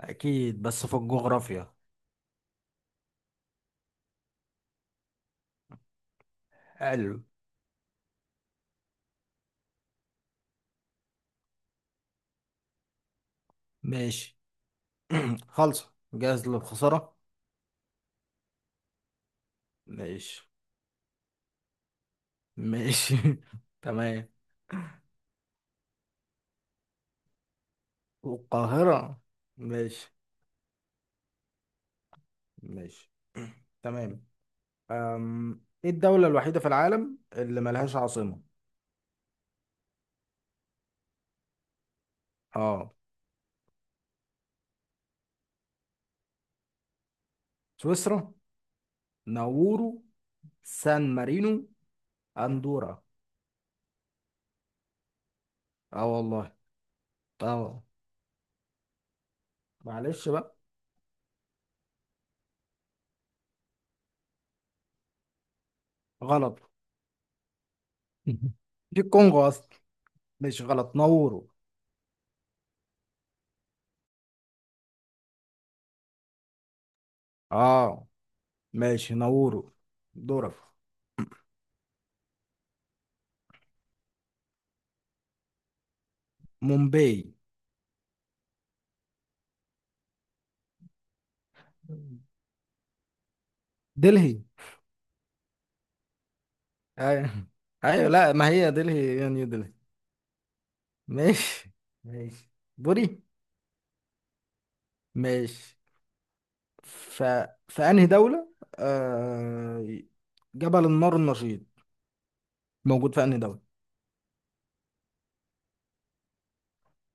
اكيد، بس في الجغرافيا. حلو. ماشي. خالصة جاهز للخسارة. ماشي. ماشي. تمام. والقاهرة. ماشي. ماشي. تمام. ايه الدولة الوحيدة في العالم اللي ملهاش عاصمة؟ اه. سويسرا، ناورو، سان مارينو، اندورا. اه والله. اه. معلش بقى. غلط. دي الكونغو اصلا. مش غلط، ناورو. اه. ماشي، نورو. دورك. مومباي. دلهي. ايوه. ايوه، لا، ما هي دلهي هي نيو دلهي. ماشي. ماشي. بوري. ماشي. ف... في انهي دولة آه... جبل النار النشيط موجود في انهي دولة؟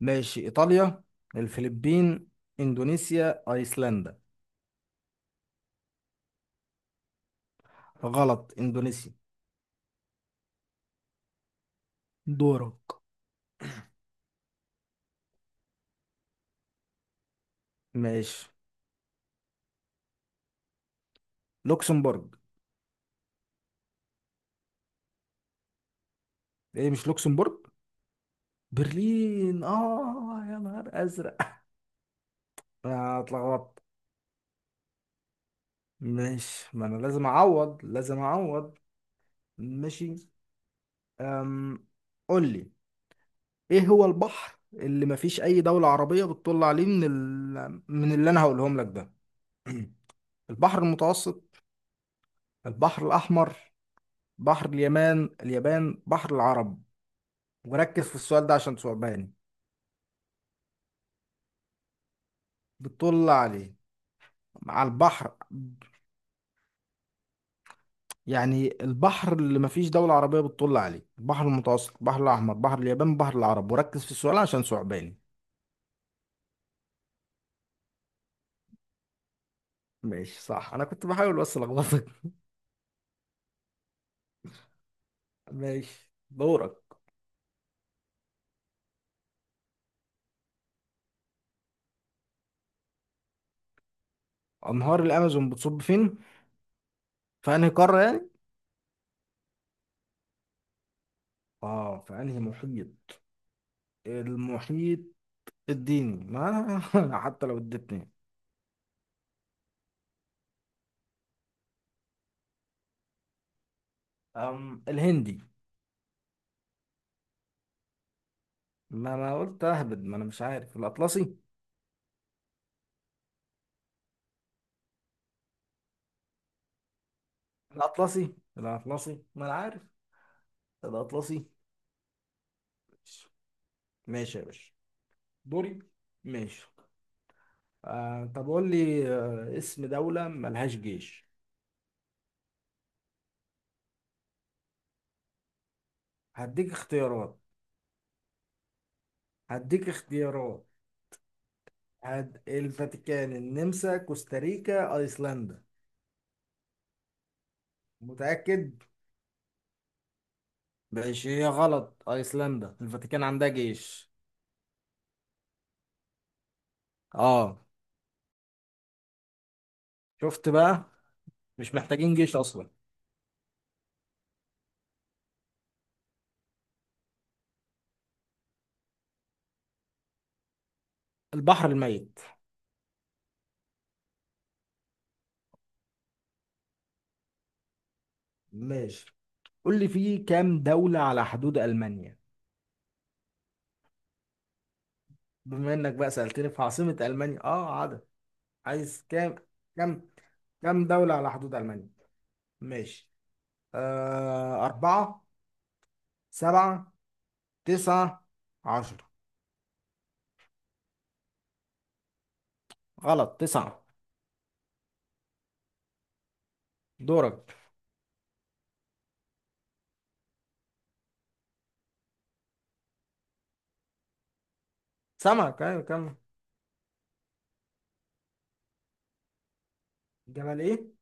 ماشي. ايطاليا، الفلبين، اندونيسيا، ايسلندا. غلط، اندونيسيا. دورك. ماشي. لوكسمبورج. ايه، مش لوكسمبورج؟ برلين، اه يا نهار ازرق. اتلخبطت. مش، ما انا لازم اعوض لازم اعوض. ماشي. أم... قول لي، ايه هو البحر اللي مفيش اي دولة عربية بتطل عليه من اللي انا هقولهم لك ده؟ البحر المتوسط، البحر الاحمر، بحر اليمن اليابان، بحر العرب. وركز في السؤال ده عشان ثعباني. بتطل عليه، على البحر. يعني البحر اللي مفيش دولة عربية بتطل عليه، البحر المتوسط، البحر الأحمر، بحر اليابان، بحر العرب. وركز في السؤال عشان ثعباني. ماشي، صح. انا كنت بحاول بس الخبطك. ماشي. دورك. انهار الامازون بتصب فين؟ في انهي قاره يعني؟ اه، في انهي محيط؟ المحيط الديني. ما أنا حتى لو اديتني. أم، الهندي. ما انا قلت اهبد، ما انا مش عارف. الاطلسي، الاطلسي، الاطلسي، ما انا عارف الاطلسي. ماشي يا باشا. دوري. ماشي. آه، طب قول لي، آه، اسم دولة ملهاش جيش. هديك اختيارات. هديك اختيارات. عاد الفاتيكان، النمسا، كوستاريكا، ايسلندا. متأكد. ماشي، هي غلط. ايسلندا؟ الفاتيكان عندها جيش. اه. شفت بقى، مش محتاجين جيش اصلا. البحر الميت. ماشي. قول لي، فيه كام دولة على حدود المانيا؟ بما انك بقى سألتني في عاصمة المانيا. اه، عدد. عايز كام؟ كام كام دولة على حدود المانيا؟ ماشي. آه، أربعة، سبعة، تسعة، عشرة. غلط، تسعة. دورك. سمك، ايوه، كمل. جبل ايه؟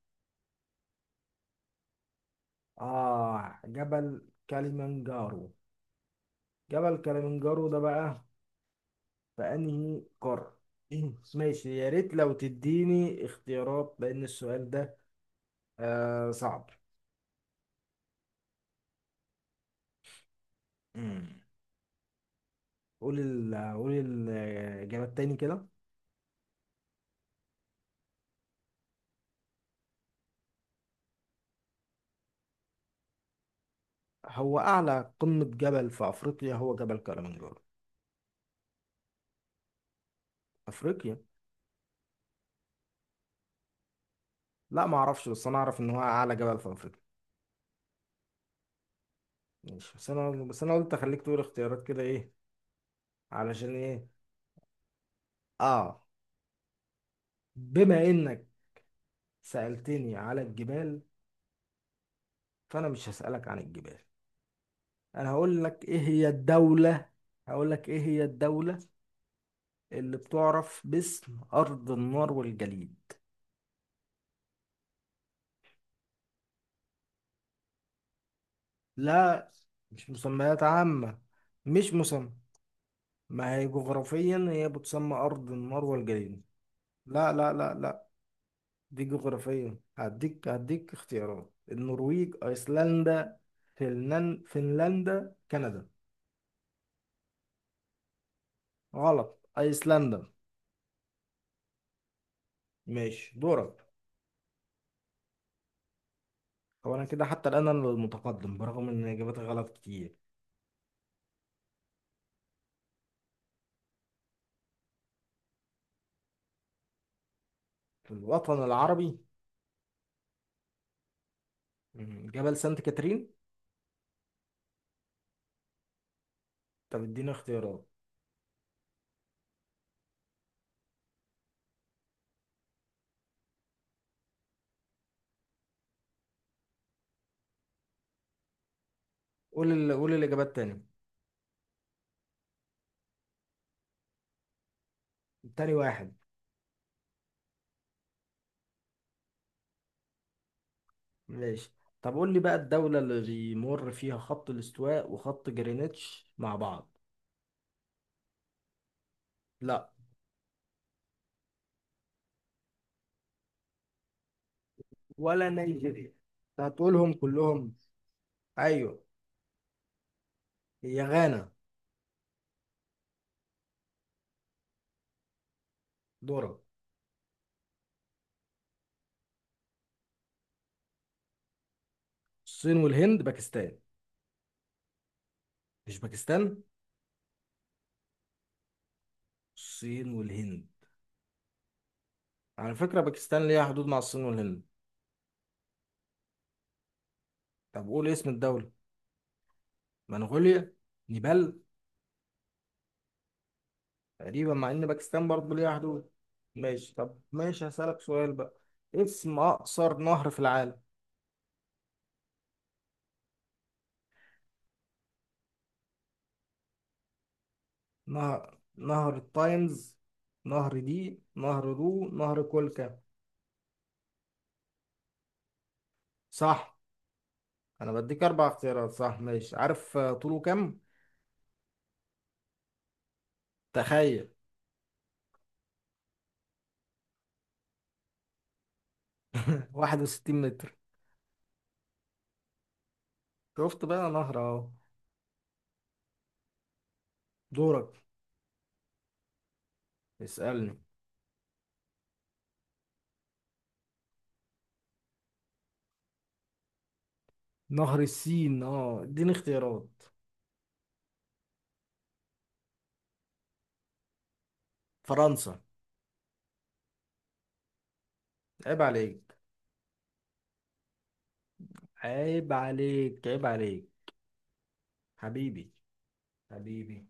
اه، جبل كليمنجارو. جبل كليمنجارو ده بقى في انهي قارة؟ إيه؟ ماشي، يا ريت لو تديني اختيارات لان السؤال ده آه صعب. مم. قول ال، قول الجبل تاني كده. هو اعلى قمة جبل في افريقيا هو جبل كليمنجارو. افريقيا. لا، ما اعرفش، بس انا اعرف ان هو اعلى جبل في افريقيا. ماشي. بس انا قلت اخليك تقول اختيارات كده، ايه، علشان ايه؟ اه. بما انك سألتني على الجبال، فانا مش هسألك عن الجبال. انا هقول لك ايه هي الدولة هقول لك ايه هي الدولة اللي بتعرف باسم ارض النار والجليد. لا، مش مسميات عامة، مش مسمى. ما هي جغرافيا، هي بتسمى ارض النار والجليد. لا لا لا لا. دي جغرافيا. هديك اختيارات: النرويج، ايسلندا، فنلندا، كندا. غلط، ايسلندا. ماشي. دورك. هو انا كده حتى الان انا المتقدم برغم ان اجاباتي غلط كتير. في الوطن العربي. مم، جبل سانت كاترين. طب اديني اختيارات. قول الاجابات تاني. تاني واحد. ماشي. طب قول لي بقى، الدولة اللي بيمر فيها خط الاستواء وخط جرينتش مع بعض. لا. ولا نيجيريا. أنت هتقولهم كلهم. ايوه. هي غانا. دورة. الصين والهند، باكستان. مش باكستان؟ الصين والهند. على فكرة، باكستان ليها حدود مع الصين والهند. طب قول اسم الدولة. منغوليا، نيبال. تقريبا، مع ان باكستان برضه ليها حدود. ماشي. طب ماشي، هسألك سؤال بقى. إيه اسم اقصر نهر في العالم؟ نهر نهر التايمز، نهر دي، نهر دو، نهر كولكا. صح، انا بديك اربع اختيارات. صح؟ ماشي. عارف آه، طوله كام؟ تخيل، 61 متر. شفت بقى، نهر اهو. دورك. اسألني. نهر السين. اه، اديني اختيارات. فرنسا. عيب عليك، عيب عليك، عيب عليك. حبيبي، حبيبي.